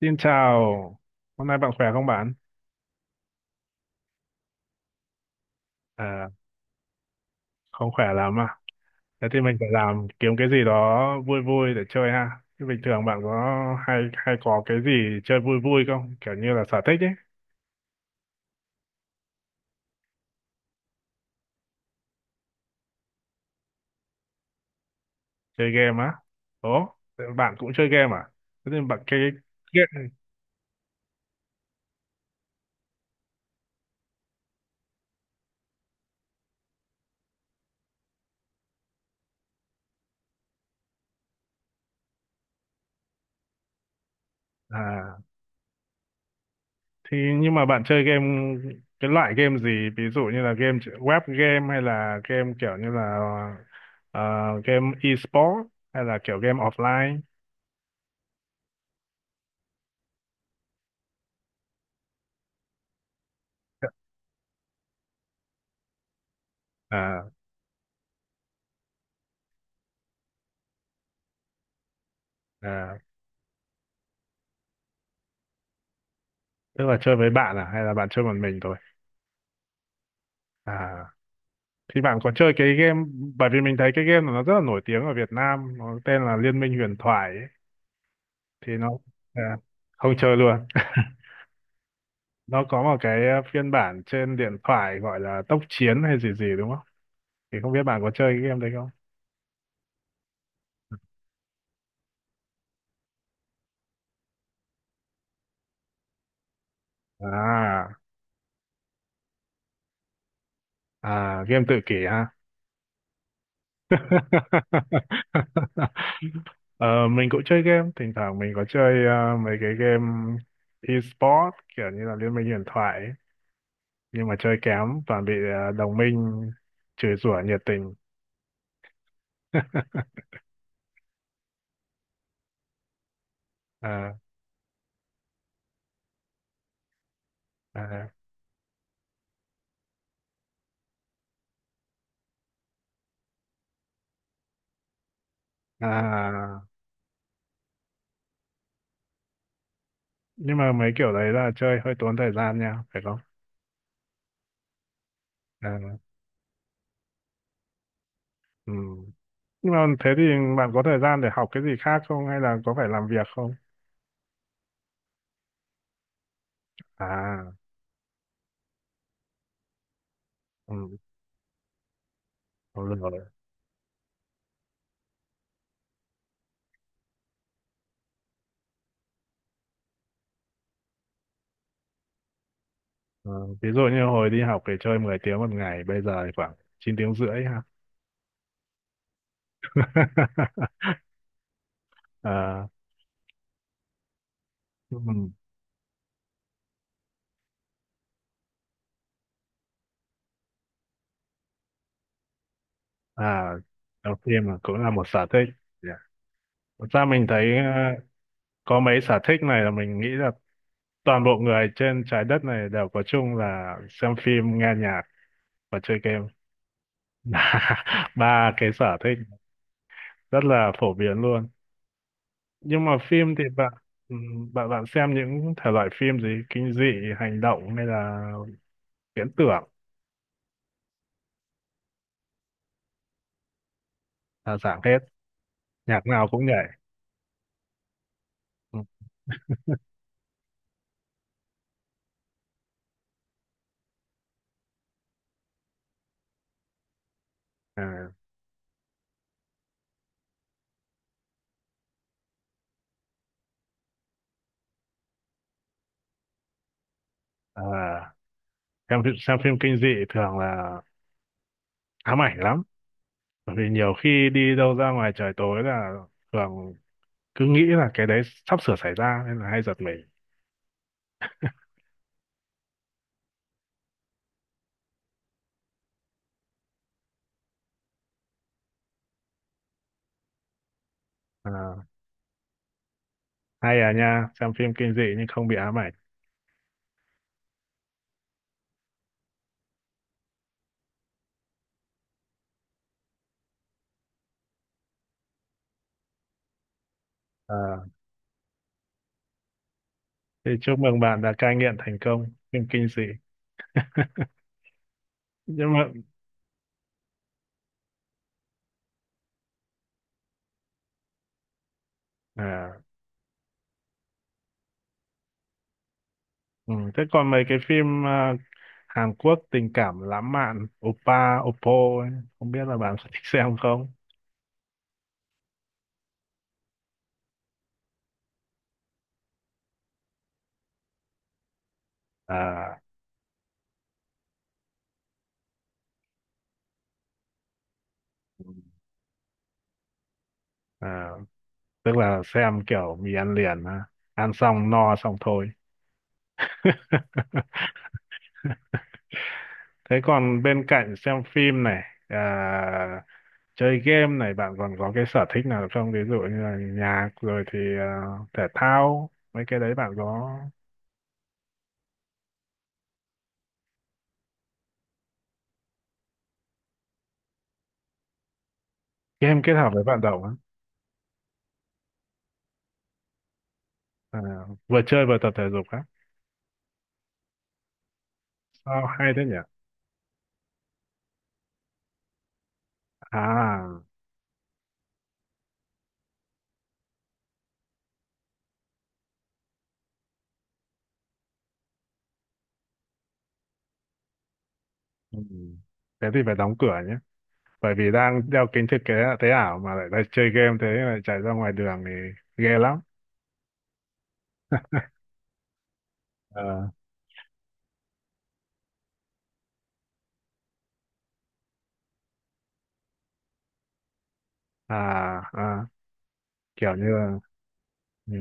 Xin chào, hôm nay bạn khỏe không bạn? À, không khỏe lắm à? Thế thì mình phải làm kiếm cái gì đó vui vui để chơi ha. Thế bình thường bạn có hay hay có cái gì chơi vui vui không? Kiểu như là sở thích ấy, chơi game á. Ồ, thế bạn cũng chơi game à? Thế thì bạn cái game. À, thì nhưng mà bạn chơi game cái loại game gì? Ví dụ như là game web game hay là game kiểu như là ờ, game e-sport hay là kiểu game offline? À, à. Tức là chơi với bạn à hay là bạn chơi một mình thôi? À, thì bạn có chơi cái game, bởi vì mình thấy cái game này nó rất là nổi tiếng ở Việt Nam, nó tên là Liên minh huyền thoại ấy. Thì nó à, không chơi luôn. Nó có một cái phiên bản trên điện thoại gọi là tốc chiến hay gì gì đúng không? Thì không biết bạn có chơi cái game đấy không? À, à game tự kỷ ha. Ờ, mình cũng chơi game, thỉnh thoảng mình có chơi mấy cái game e-sport kiểu như là Liên minh huyền thoại ấy. Nhưng mà chơi kém toàn bị đồng minh chửi rủa nhiệt tình. À, à, à. Nhưng mà mấy kiểu đấy là chơi hơi tốn thời gian nha phải không? À, ừ. Nhưng mà thế thì bạn có thời gian để học cái gì khác không, hay là có phải làm việc không? À, ừ. Thôi được rồi. Ờ, ví dụ như hồi đi học thì chơi 10 tiếng một ngày, bây giờ thì khoảng 9 tiếng rưỡi ha. À, ừ. À, đọc phim là cũng là một sở thích. Dạ. Thật ra mình thấy có mấy sở thích này là mình nghĩ là toàn bộ người trên trái đất này đều có chung, là xem phim, nghe nhạc và chơi game. Ba ba cái sở thích rất là phổ biến luôn. Nhưng mà phim thì bạn bạn bạn xem những thể loại phim gì, kinh dị, hành động hay là viễn tưởng? Là dạng hết, nhạc nào cũng nhảy. Ừ. À, à, xem phim kinh dị thường là ám ảnh lắm. Bởi vì nhiều khi đi đâu ra ngoài trời tối là thường cứ nghĩ là cái đấy sắp sửa xảy ra nên là hay giật mình. À, hay à nha, xem phim kinh dị nhưng không bị ám ảnh. À, thì chúc mừng bạn đã cai nghiện thành công phim kinh dị. Nhưng mà à, ừ, thế còn mấy cái phim Hàn Quốc tình cảm lãng mạn Oppa Oppo ấy, không biết là bạn có thích xem không? À, à, tức là xem kiểu mì ăn liền á. Ăn xong no xong thôi. Thế còn bên cạnh xem phim này, à, chơi game này, bạn còn có cái sở thích nào không? Ví dụ như là nhạc, rồi thì thể thao, mấy cái đấy bạn có? Game kết hợp với vận động á? À, vừa chơi vừa tập thể dục á? Sao hay thế nhỉ? À, ừ. Thế thì phải đóng cửa nhé. Bởi vì đang đeo kính thực tế tế ảo mà lại đang chơi game, thế lại chạy ra ngoài đường thì ghê lắm. Ờ, à, à, kiểu như là ừ,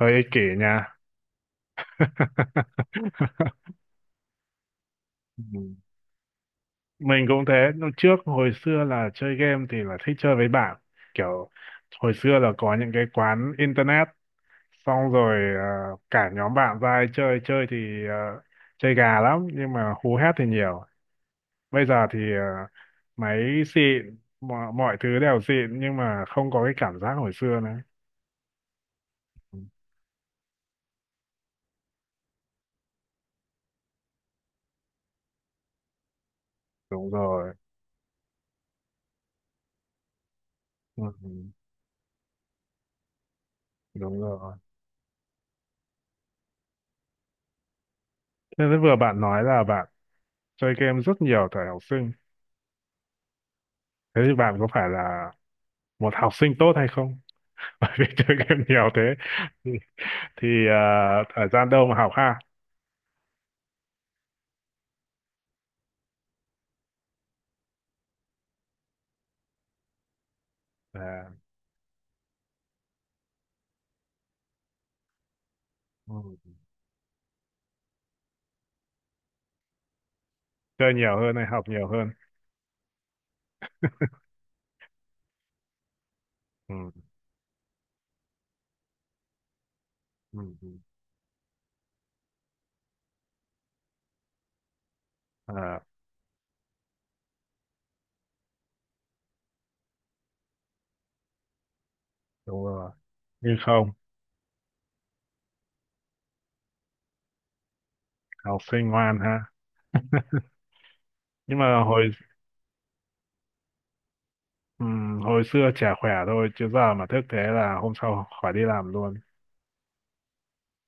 hơi ích kỷ nha. Ừ. Mình cũng thế, lúc trước hồi xưa là chơi game thì là thích chơi với bạn. Kiểu hồi xưa là có những cái quán internet, xong rồi cả nhóm bạn ra ai chơi, chơi thì chơi gà lắm, nhưng mà hú hét thì nhiều. Bây giờ thì máy xịn, mọi thứ đều xịn, nhưng mà không có cái cảm giác hồi xưa nữa. Ừ, đúng rồi, ừ, ừ, đúng rồi. Thế vừa bạn nói là bạn chơi game rất nhiều thời học sinh, thế thì bạn có phải là một học sinh tốt hay không? Bởi vì chơi game nhiều thế thì, thời gian đâu mà học ha? À, ừ. Chơi nhiều hơn hay học nhiều hơn? Ừ. Ừ. Ừ. À, đúng rồi. Nhưng không, học sinh ngoan ha. Nhưng mà hồi hồi xưa chả khỏe thôi, chứ giờ mà thức thế là hôm sau khỏi đi làm luôn.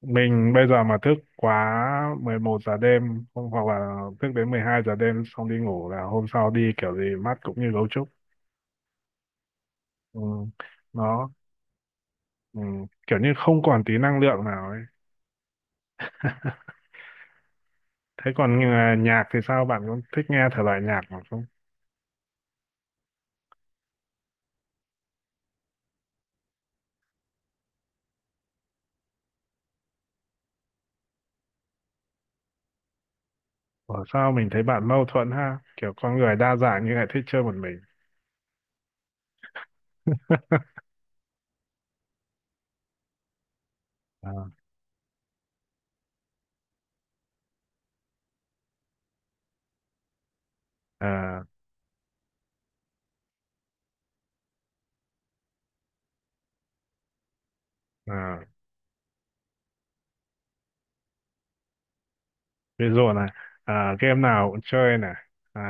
Mình bây giờ mà thức quá 11 giờ đêm không, hoặc là thức đến 12 giờ đêm xong đi ngủ là hôm sau đi kiểu gì mắt cũng như gấu trúc. Ừ. Nó. Ừ, kiểu như không còn tí năng lượng nào ấy. Thế còn nhạc thì sao? Bạn có thích nghe thể loại nhạc nào không? Ở sao mình thấy bạn mâu thuẫn ha? Kiểu con người đa dạng nhưng lại thích chơi một mình. À, à, à, ví dụ này, game nào cũng chơi này, à,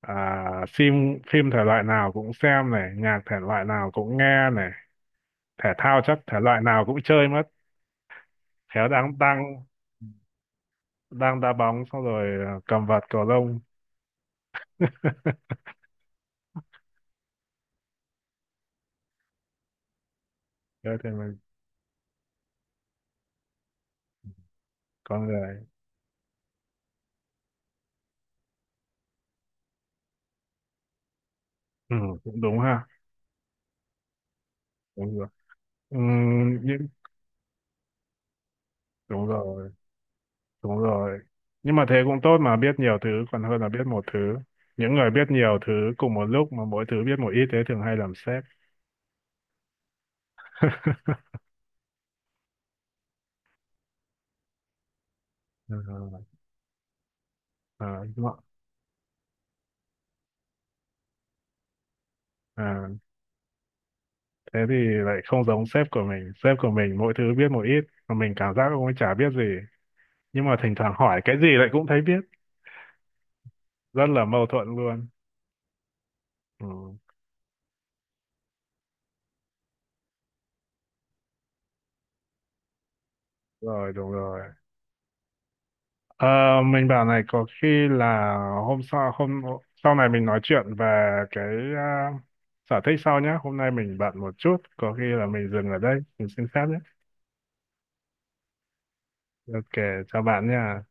phim phim thể loại nào cũng xem này, nhạc thể loại nào cũng nghe này, thể thao chắc thể loại nào cũng chơi mất. Khéo đang đang đang đá bóng xong rồi cầm vợt cầu lông. Thế thì mình con người. Ừ, cũng đúng ha. Đúng rồi, ừ, nhưng đúng rồi, đúng rồi, nhưng mà thế cũng tốt mà, biết nhiều thứ còn hơn là biết một thứ. Những người biết nhiều thứ cùng một lúc mà mỗi thứ biết một ít thế thường hay làm sếp. À, à, đúng ạ. À, thế thì lại không giống sếp của mình. Sếp của mình mỗi thứ biết một ít mà mình cảm giác cũng chả biết gì, nhưng mà thỉnh thoảng hỏi cái gì lại cũng thấy biết, rất là mâu thuẫn luôn. Ừ, rồi đúng rồi. Ờ, mình bảo này, có khi là hôm sau này mình nói chuyện về cái à, sở thích sau nhé. Hôm nay mình bận một chút, có khi là mình dừng ở đây, mình xin phép nhé. Ok, chào bạn nha.